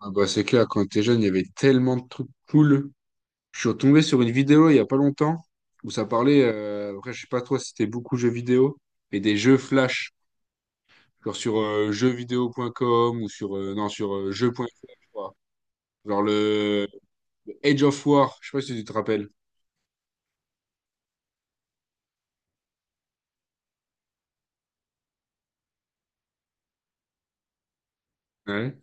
Ah bah, c'est clair, quand t'es jeune, il y avait tellement de trucs cool. Je suis retombé sur une vidéo il y a pas longtemps où ça parlait, après je sais pas toi si c'était beaucoup jeux vidéo, mais des jeux flash, genre sur jeuxvideo.com ou sur, non, sur jeux.fr, je crois. Genre le, le Age of War, je sais pas si tu te rappelles. Ouais.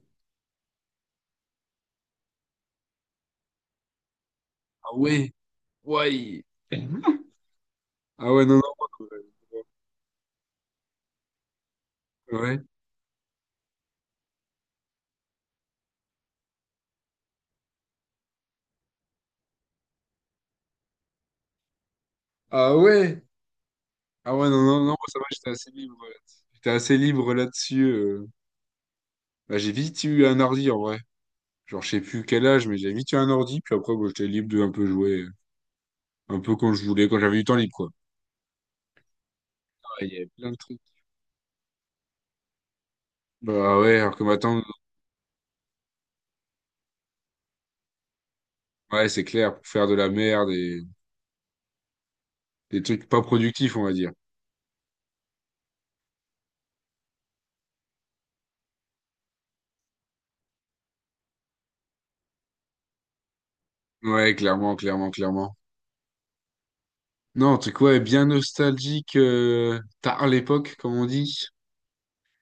Ah ouais, ouais. Ah ouais, non, non, moi. Ouais. Ah ouais. Ah ouais, non, non, non, moi, ça va, j'étais assez libre, ouais. J'étais assez libre là-dessus. Bah, j'ai vite eu un ordi en vrai. Genre, je sais plus quel âge, mais j'avais vite eu un ordi, puis après, bon, j'étais libre de un peu jouer, un peu quand je voulais, quand j'avais du temps libre, quoi. Ah, il y avait plein de trucs. Bah ouais, alors que maintenant, ouais, c'est clair, pour faire de la merde et des trucs pas productifs, on va dire. Ouais, clairement, clairement, clairement. Non, un truc, ouais, bien nostalgique, tard l'époque, comme on dit.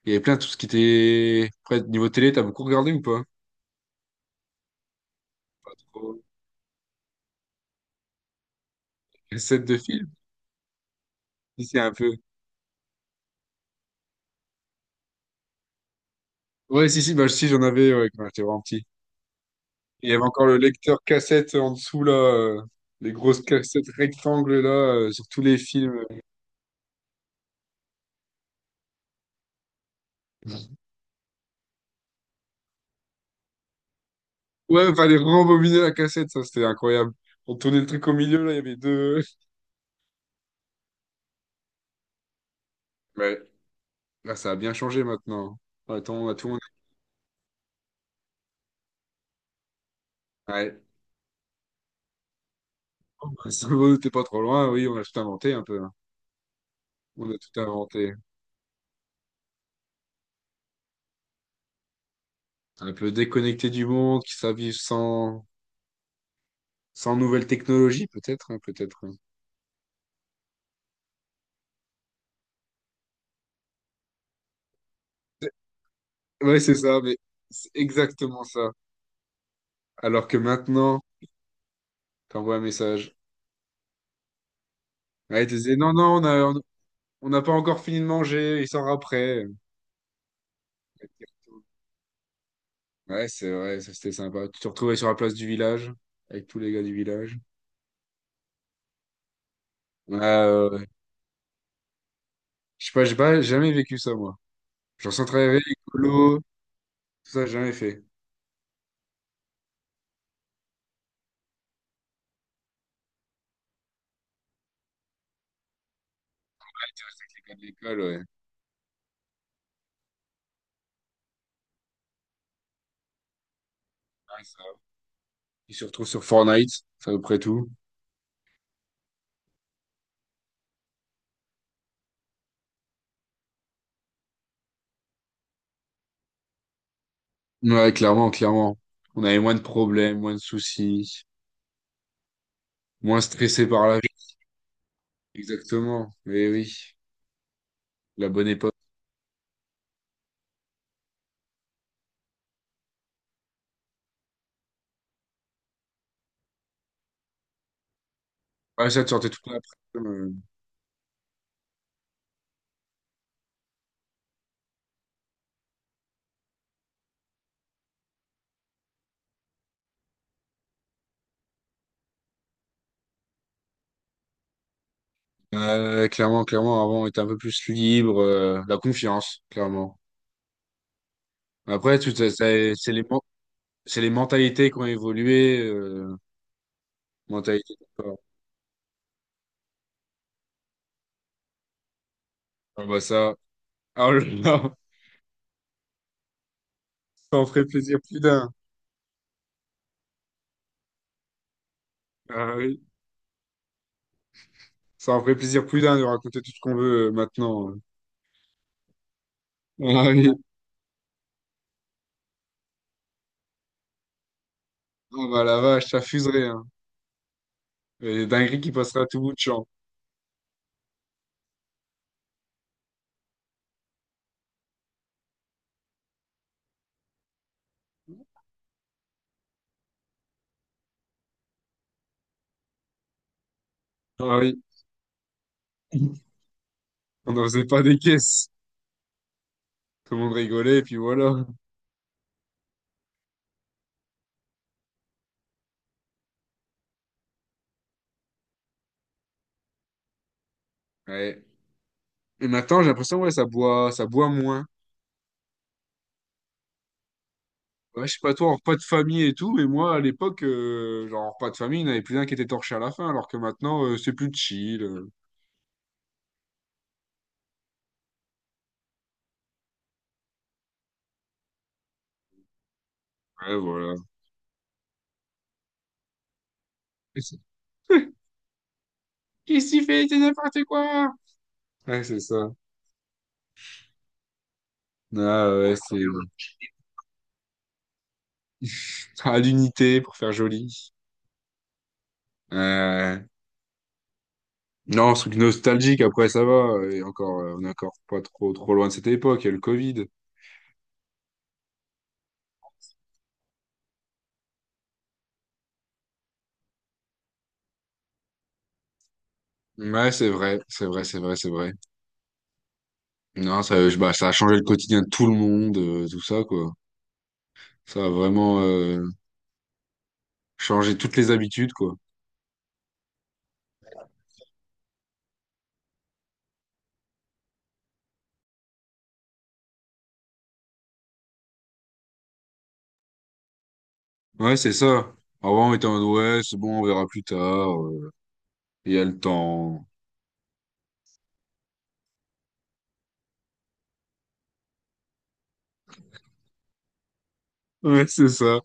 Il y avait plein de tout ce qui était... Après, niveau télé, t'as beaucoup regardé ou pas? Pas trop. Les sets de films? Si, si, un peu. Ouais, si, si, bah si, j'en avais, ouais, quand j'étais vraiment petit. Il y avait encore le lecteur cassette en dessous, là. Les grosses cassettes rectangles, là, sur tous les films. Ouais, fallait rembobiner la cassette, ça, c'était incroyable. On tournait le truc au milieu, là, il y avait deux... Ouais, là, ça a bien changé, maintenant. Attends, on a tout... Ouais. Ça va, t'es pas trop loin, oui, on a tout inventé, un peu, hein. On a tout inventé. Un peu déconnecté du monde, qui s'habille sans... sans nouvelles technologies, peut-être, hein, peut-être, hein. Ouais, c'est ça, mais c'est exactement ça. Alors que maintenant, t'envoies un message. Ouais, il te disait, non, non, on n'a pas encore fini de manger, il sort après. Ouais, c'est vrai, ça c'était sympa. Tu te retrouvais sur la place du village, avec tous les gars du village. Ouais, ouais, ouais, je sais pas, j'ai pas jamais vécu ça, moi. Genre sans travailler, écolo, tout ça, j'ai jamais fait. Les gars de l'école, ouais. Ouais, ça. Ils se retrouvent sur Fortnite, c'est à peu près tout. Ouais, clairement, clairement. On avait moins de problèmes, moins de soucis, moins stressé par la vie. Exactement, mais oui, la bonne époque. Ouais, ça, tu sortais toute l'après-midi. Clairement, clairement, avant, on était un peu plus libre, la confiance, clairement. Après, tout ça, ça- c'est les, men- c'est les mentalités qui ont évolué, mentalité du corps. Ah bah ça, ah là là, ça en ferait plaisir plus d'un. Ah oui, ça en ferait plaisir plus d'un de raconter tout ce qu'on veut maintenant. Ah oui, ah bah la vache, ça fuserait, hein. Et dinguerie qui passerait à tout bout de champ. Ah oui, on n'en faisait pas des caisses. Tout le monde rigolait, et puis voilà. Ouais. Et maintenant, j'ai l'impression, ouais, ça boit moins. Ouais, je sais pas toi, en repas de famille et tout, mais moi à l'époque, genre en repas de famille, il n'y en avait plus d'un qui était torché à la fin, alors que maintenant, c'est plus chill. Ouais, voilà. Et c'est- Qu'est-ce qu'il fait? C'est n'importe quoi! Ouais, c'est ça. Ah ouais, c'est à l'unité pour faire joli. Euh, Non, ce truc nostalgique, après ça va. Et encore, on est encore pas trop trop loin de cette époque, il y a le Covid. Ouais, c'est vrai, c'est vrai, c'est vrai, c'est vrai. Non, ça, je- bah, ça a changé le quotidien de tout le monde, tout ça, quoi. Ça a vraiment changé toutes les habitudes, quoi. Ouais, c'est ça. Avant, on était en mode, ouais, c'est bon, on verra plus tard. Il y a le temps. Ouais, c'est ça.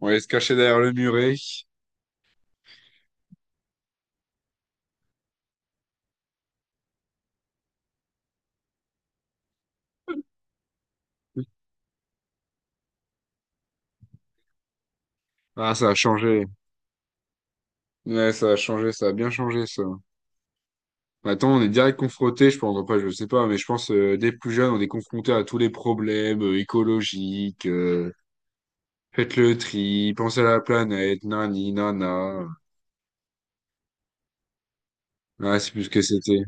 On allait se cacher derrière le muret. Ah, ça a changé. Ouais, ça a changé, ça a bien changé, ça. Maintenant, on est direct confronté, je pense, après, je sais pas, mais je pense, dès plus jeune, on est confronté à tous les problèmes écologiques. Faites le tri, pensez à la planète, nani, nana. Ah c'est plus ce que c'était.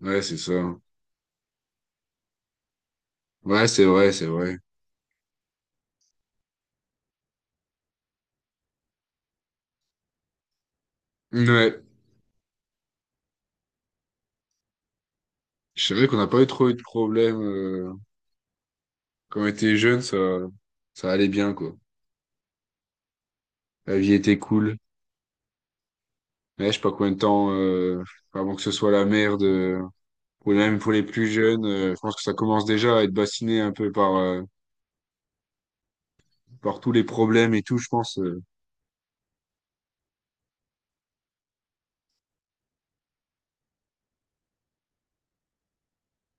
Ouais, c'est ça. Ouais, c'est vrai, c'est vrai. Ouais. C'est vrai qu'on n'a pas eu trop eu de problèmes. Quand on était jeune, ça allait bien, quoi. La vie était cool. Mais je sais pas combien de temps, avant que ce soit la merde, ou même pour les plus jeunes, je pense que ça commence déjà à être bassiné un peu par, par tous les problèmes et tout, je pense.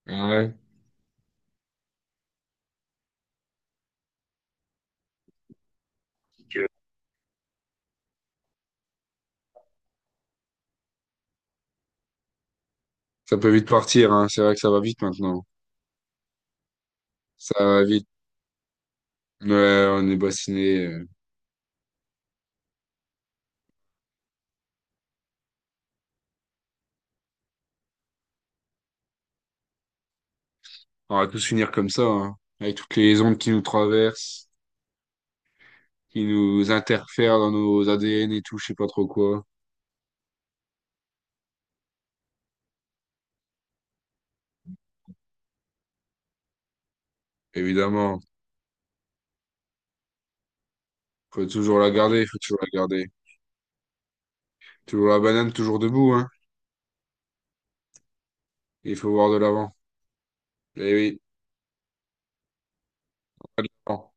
Ah ouais. Que ça peut vite partir, hein. C'est vrai que ça va vite maintenant. Ça va vite. Ouais, on est bassiné. On va tous finir comme ça, hein. Avec toutes les ondes qui nous traversent, qui nous interfèrent dans nos ADN et tout, je sais pas trop quoi. Évidemment, faut toujours la garder, faut toujours la garder. Toujours la banane, toujours debout, hein. Il faut voir de l'avant. Eh oui. Bon.